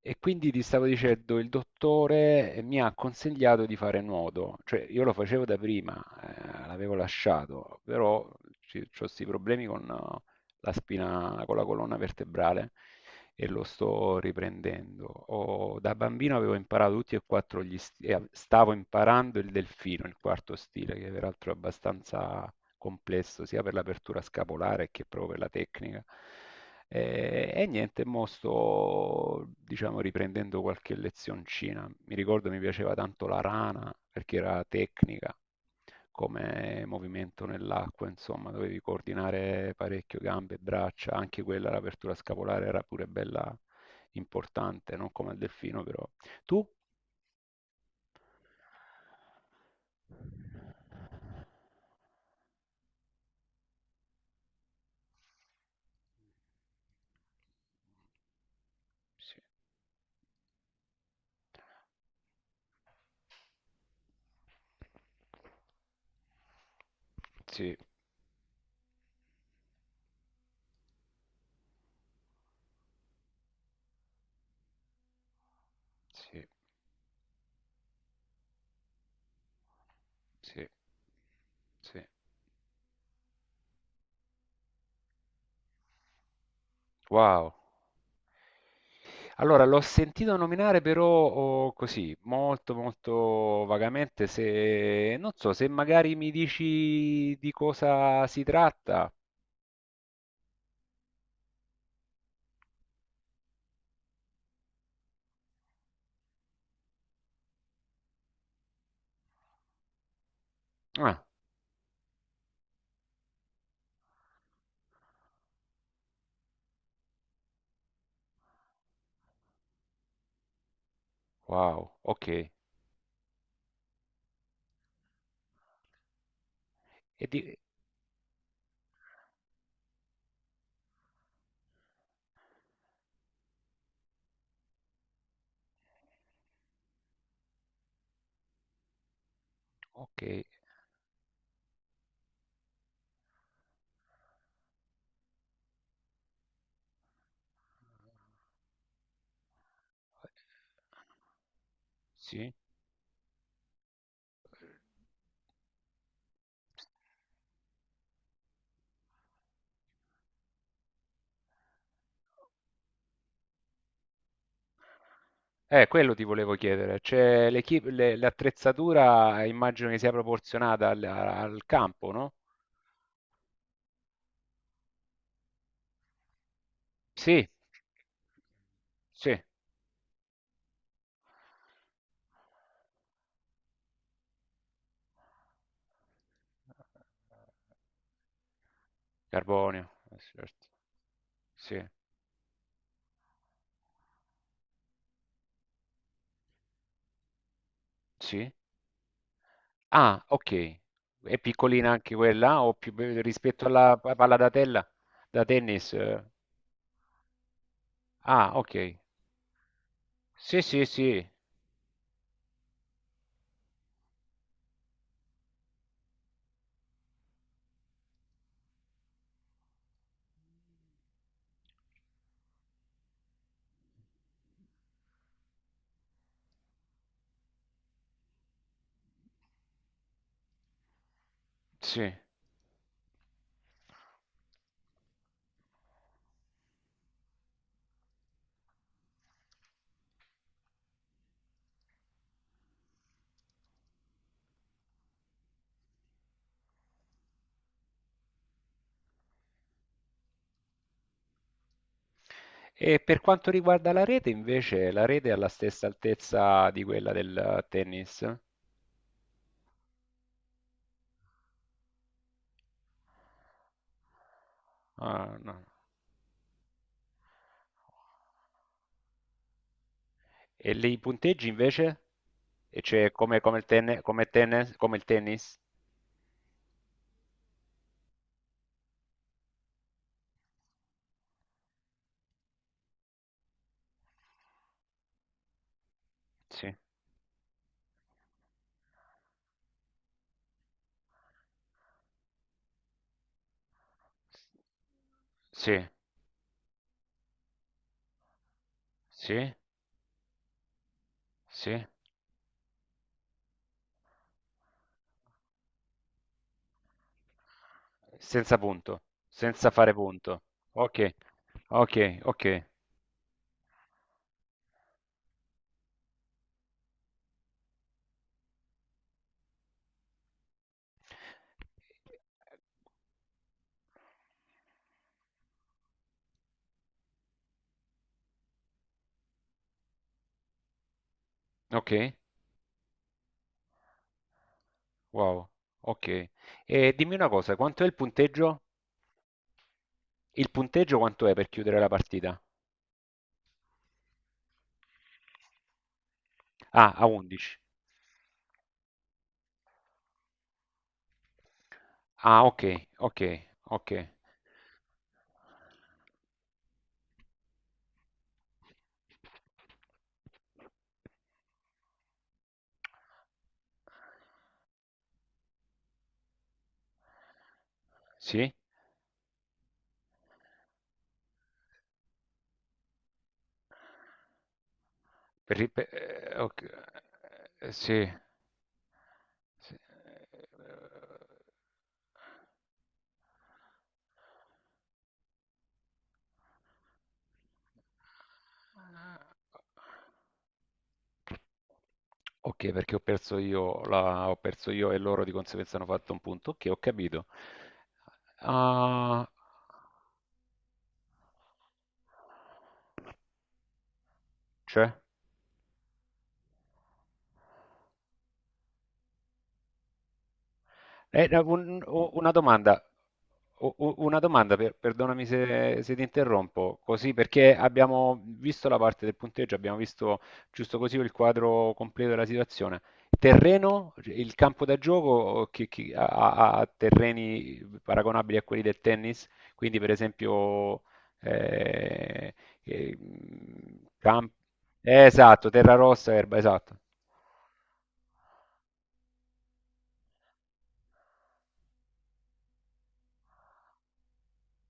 E quindi ti stavo dicendo, il dottore mi ha consigliato di fare nuoto, cioè io lo facevo da prima, l'avevo lasciato, però ho questi problemi con la spina, con la colonna vertebrale e lo sto riprendendo. Ho- da bambino avevo imparato tutti e quattro gli stili, stavo imparando il delfino, il quarto stile, che peraltro è abbastanza complesso sia per l'apertura scapolare che proprio per la tecnica. E niente, mo sto, diciamo, riprendendo qualche lezioncina. Mi ricordo mi piaceva tanto la rana perché era tecnica come movimento nell'acqua, insomma, dovevi coordinare parecchio gambe e braccia, anche quella, l'apertura scapolare era pure bella importante, non come il delfino, però. Tu? Sì, sì, sì, sì, sì. Wow. Allora, l'ho sentito nominare però oh, così, molto molto vagamente, se non so, se magari mi dici di cosa si tratta. Ah, wow, ok. E di- ok. Sì. Quello ti volevo chiedere. Cioè, l'equip- le- l'attrezzatura immagino che sia proporzionata al, al campo, no? Sì, sì. Carbonio, certo. Sì, sì. Ah, ok. È piccolina anche quella o più be- rispetto alla pa- palla da tella da tennis? Eh. Ah, ok. Sì, sì, sì, sì. E per quanto riguarda la rete, invece, la rete è alla stessa altezza di quella del tennis? Ah, no. E lì i punteggi invece? E cioè come, come il tenne- come tennis, come il tennis? Sì. Sì, sì, sì. Senza punto, senza fare punto. Ok, ok, ok. Ok, wow, ok. E dimmi una cosa, quanto è il punteggio? Il punteggio quanto è per chiudere la partita? Ah, a 11. Ah, ok, ok, ok. Sì? Per- ok, sì. Sì, ok, perché ho perso io, la- ho perso io e loro di conseguenza hanno fatto un punto. Ok, ho capito. Ah, c'è? No, un- u- una domanda, u- u- una domanda per- perdonami se, se ti interrompo, così perché abbiamo visto la parte del punteggio, abbiamo visto giusto così il quadro completo della situazione. Terreno, il campo da gioco che ha, ha- ha terreni paragonabili a quelli del tennis, quindi per esempio eh, eh, camp- esatto, terra rossa, erba, esatto.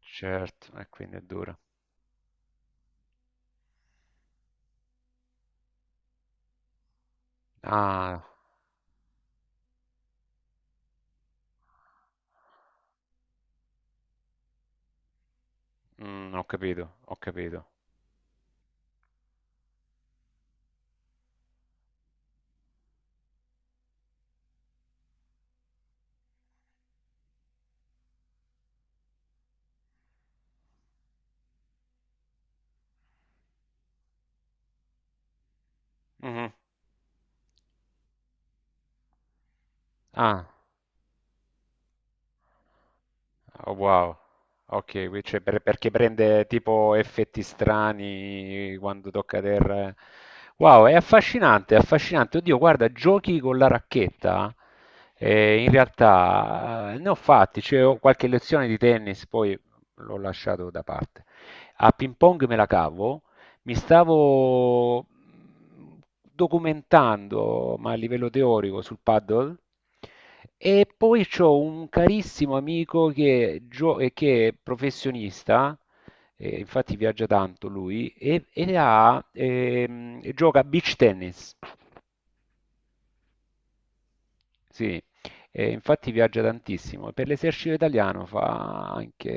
Certo, e quindi è dura. Ah. Ho capito, ho capito. Mh-mh. Ah, oh, wow. Ok, qui c'è per- perché prende tipo effetti strani quando tocca terra. Eh. Wow, è affascinante, è affascinante. Oddio, guarda, giochi con la racchetta. In realtà ne ho fatti, cioè, ho qualche lezione di tennis, poi l'ho lasciato da parte. A ping pong me la cavo, mi stavo documentando, ma a livello teorico, sul paddle. E poi c'ho un carissimo amico che, gio- che è professionista, infatti viaggia tanto lui, e ha, gioca a beach tennis. Sì, e infatti viaggia tantissimo. Per l'esercito italiano fa anche,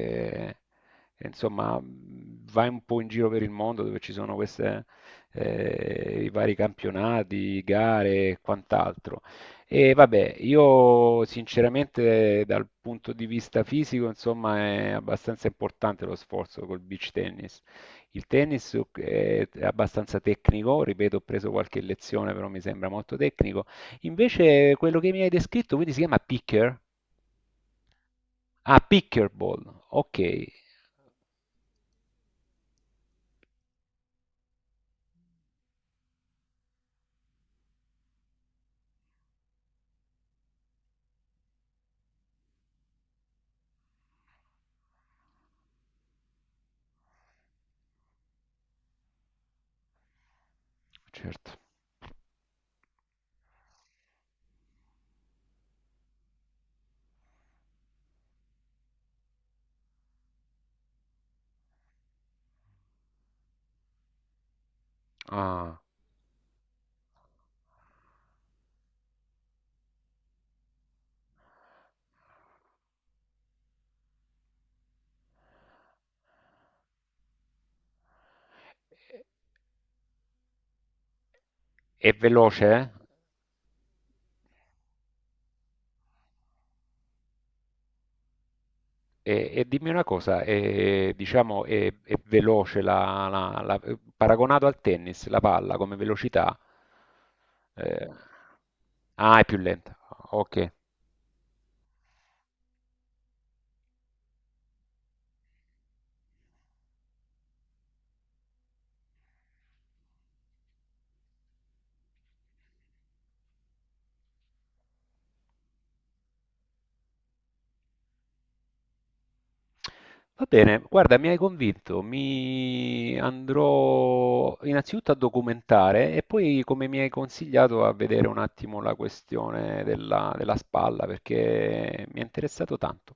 insomma, va un po' in giro per il mondo dove ci sono queste, i vari campionati, gare e quant'altro. E vabbè, io sinceramente dal punto di vista fisico, insomma, è abbastanza importante lo sforzo col beach tennis. Il tennis è abbastanza tecnico, ripeto, ho preso qualche lezione, però mi sembra molto tecnico. Invece quello che mi hai descritto, quindi si chiama picker? Ah, pickleball. Ok, certo. Ah, è veloce? E dimmi una cosa, è, diciamo, è veloce la, la- la- paragonato al tennis, la palla come velocità? Eh, ah, è più lenta. Ok. Va bene, guarda, mi hai convinto, mi andrò innanzitutto a documentare e poi, come mi hai consigliato, a vedere un attimo la questione della, della spalla perché mi è interessato tanto.